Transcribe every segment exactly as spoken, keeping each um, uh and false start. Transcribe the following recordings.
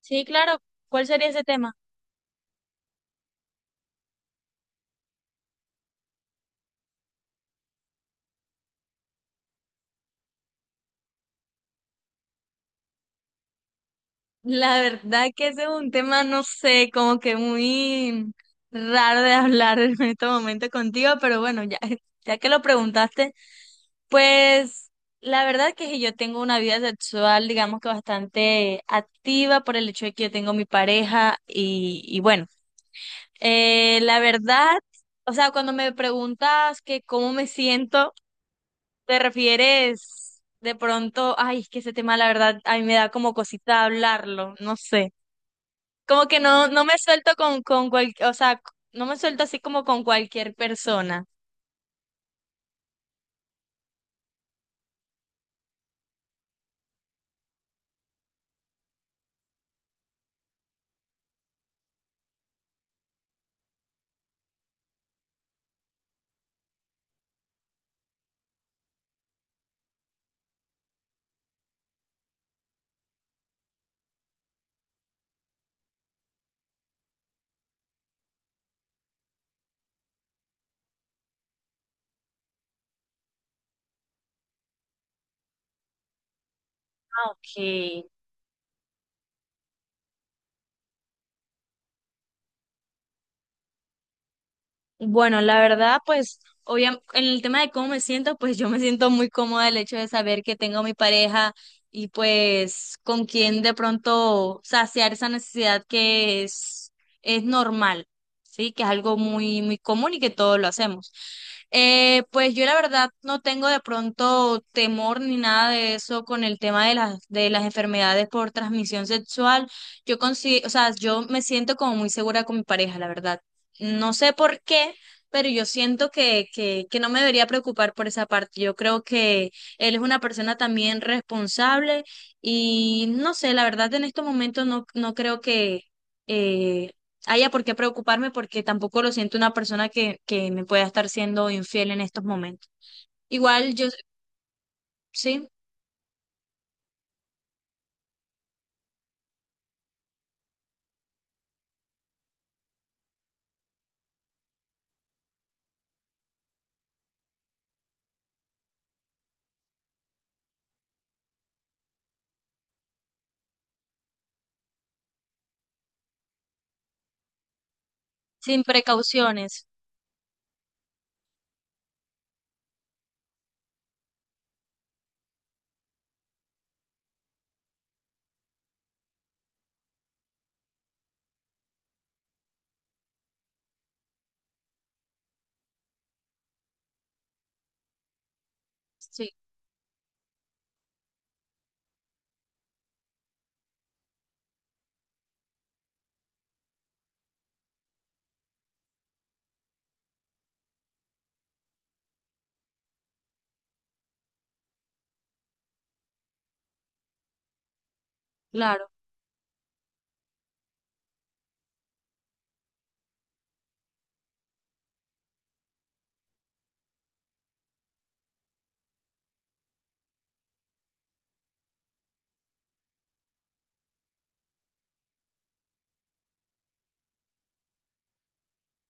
Sí, claro. ¿Cuál sería ese tema? La verdad que ese es un tema, no sé, como que muy raro de hablar en este momento contigo, pero bueno, ya, ya que lo preguntaste, pues la verdad que si yo tengo una vida sexual, digamos que bastante activa por el hecho de que yo tengo mi pareja y, y bueno, eh, la verdad, o sea, cuando me preguntas que cómo me siento... ¿Te refieres de pronto? Ay, es que ese tema, la verdad, a mí me da como cosita hablarlo, no sé. Como que no, no me suelto con, con cual, o sea, no me suelto así como con cualquier persona. Ah, ok. Bueno, la verdad, pues, obviamente en el tema de cómo me siento, pues yo me siento muy cómoda el hecho de saber que tengo mi pareja y pues con quien de pronto saciar esa necesidad que es, es normal, ¿sí? Que es algo muy, muy común y que todos lo hacemos. Eh, pues yo la verdad no tengo de pronto temor ni nada de eso con el tema de las, de las enfermedades por transmisión sexual. Yo consi- o sea, yo me siento como muy segura con mi pareja, la verdad. No sé por qué, pero yo siento que, que, que no me debería preocupar por esa parte. Yo creo que él es una persona también responsable y no sé, la verdad en estos momentos no, no creo que eh, haya por qué preocuparme porque tampoco lo siento una persona que, que me pueda estar siendo infiel en estos momentos. Igual yo, sí, sin precauciones. Sí, claro,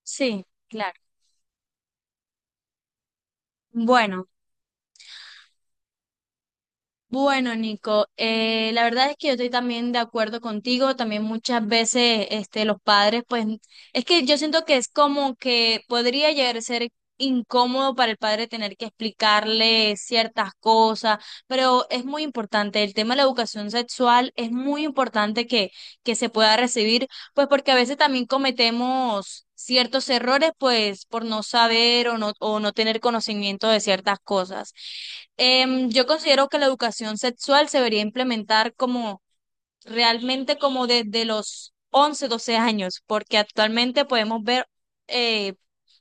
sí, claro. Bueno. Bueno, Nico, eh, la verdad es que yo estoy también de acuerdo contigo, también muchas veces este, los padres, pues es que yo siento que es como que podría llegar a ser incómodo para el padre tener que explicarle ciertas cosas, pero es muy importante, el tema de la educación sexual es muy importante que, que se pueda recibir, pues porque a veces también cometemos ciertos errores, pues por no saber o no, o no tener conocimiento de ciertas cosas. Em, yo considero que la educación sexual se debería implementar como realmente como desde los once doce años, porque actualmente podemos ver eh,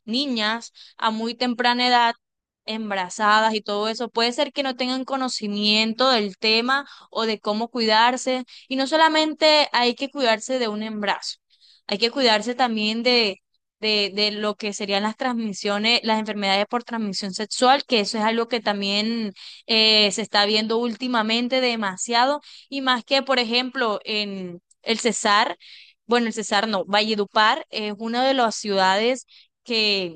niñas a muy temprana edad embarazadas y todo eso. Puede ser que no tengan conocimiento del tema o de cómo cuidarse. Y no solamente hay que cuidarse de un embarazo, hay que cuidarse también de... De, de lo que serían las transmisiones, las enfermedades por transmisión sexual, que eso es algo que también eh, se está viendo últimamente demasiado y más que, por ejemplo, en el Cesar, bueno, el Cesar no, Valledupar es una de las ciudades que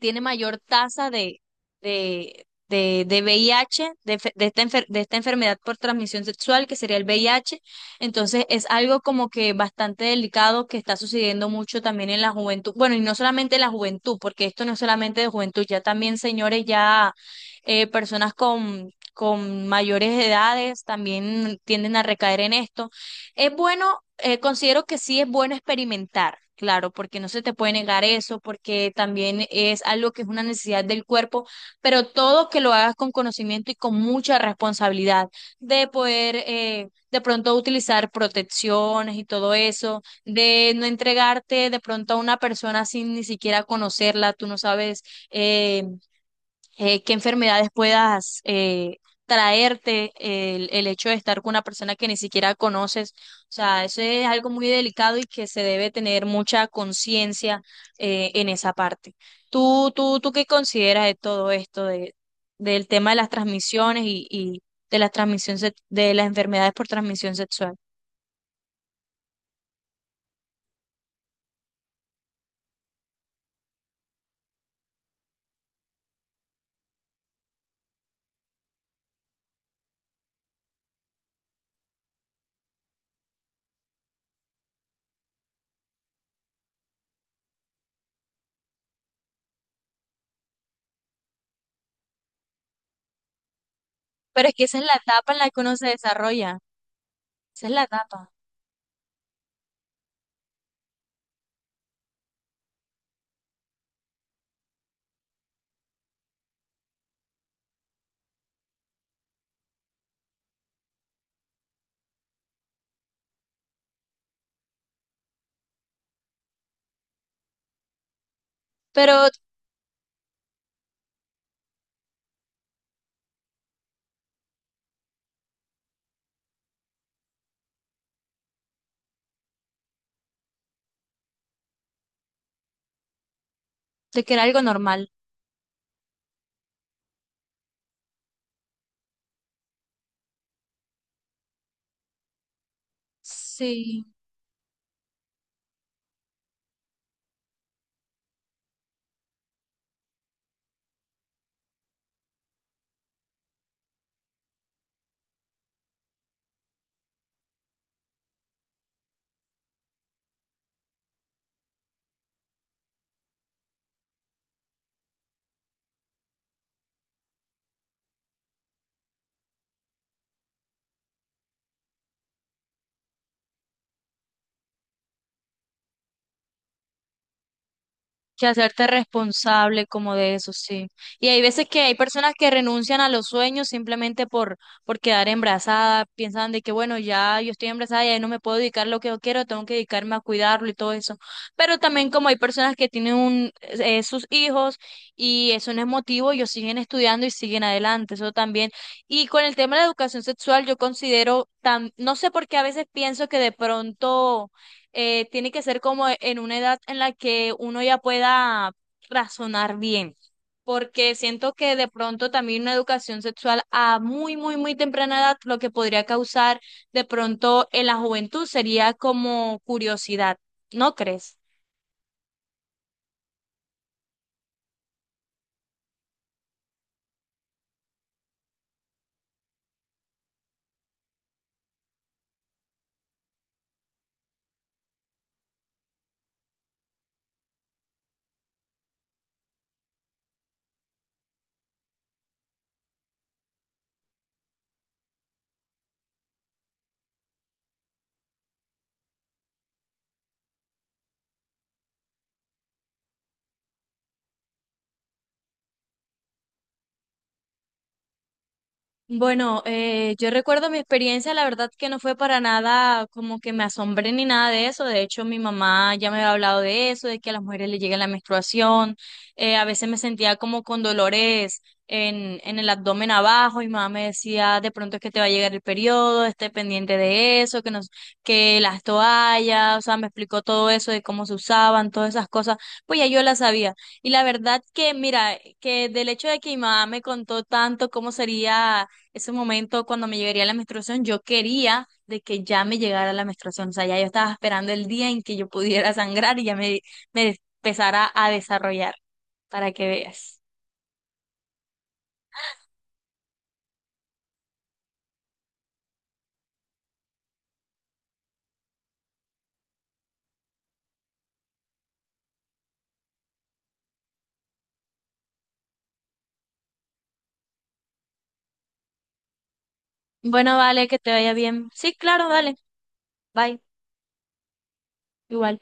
tiene mayor tasa de, de, de, de V I H, de, fe- de esta enfer- de esta enfermedad por transmisión sexual, que sería el V I H. Entonces es algo como que bastante delicado que está sucediendo mucho también en la juventud. Bueno, y no solamente en la juventud, porque esto no es solamente de juventud, ya también, señores, ya eh, personas con... con mayores edades también tienden a recaer en esto. Es bueno eh, considero que sí es bueno experimentar, claro, porque no se te puede negar eso, porque también es algo que es una necesidad del cuerpo, pero todo que lo hagas con conocimiento y con mucha responsabilidad de poder eh, de pronto utilizar protecciones y todo eso, de no entregarte de pronto a una persona sin ni siquiera conocerla, tú no sabes. eh, eh, ¿Qué enfermedades puedas eh, traerte, el, el hecho de estar con una persona que ni siquiera conoces? O sea, eso es algo muy delicado y que se debe tener mucha conciencia eh, en esa parte. ¿Tú, tú, Tú qué consideras de todo esto, de, del tema de las transmisiones y, y de las transmisiones de las enfermedades por transmisión sexual? Pero es que esa es la etapa en la que uno se desarrolla, esa es la etapa. Pero de que era algo normal. Sí. Que hacerte responsable como de eso, sí. Y hay veces que hay personas que renuncian a los sueños simplemente por, por quedar embarazada, piensan de que, bueno, ya yo estoy embarazada y ahí no me puedo dedicar lo que yo quiero, tengo que dedicarme a cuidarlo y todo eso. Pero también como hay personas que tienen un, eh, sus hijos y eso no es motivo, ellos siguen estudiando y siguen adelante, eso también. Y con el tema de la educación sexual, yo considero, tan, no sé por qué a veces pienso que de pronto eh, tiene que ser como en una edad en la que uno ya pueda razonar bien, porque siento que de pronto también una educación sexual a muy, muy, muy temprana edad, lo que podría causar de pronto en la juventud sería como curiosidad, ¿no crees? Bueno, eh, yo recuerdo mi experiencia, la verdad que no fue para nada como que me asombré ni nada de eso. De hecho, mi mamá ya me había hablado de eso, de que a las mujeres les llega la menstruación. Eh, a veces me sentía como con dolores en, en el abdomen abajo. Y mi mamá me decía, de pronto es que te va a llegar el periodo, esté pendiente de eso, que nos, que las toallas, o sea, me explicó todo eso de cómo se usaban, todas esas cosas. Pues ya yo las sabía. Y la verdad que, mira, que del hecho de que mi mamá me contó tanto cómo sería ese momento cuando me llegaría la menstruación, yo quería de que ya me llegara la menstruación, o sea, ya yo estaba esperando el día en que yo pudiera sangrar y ya me, me empezara a desarrollar, para que veas. Bueno, vale, que te vaya bien. Sí, claro, dale, bye, igual.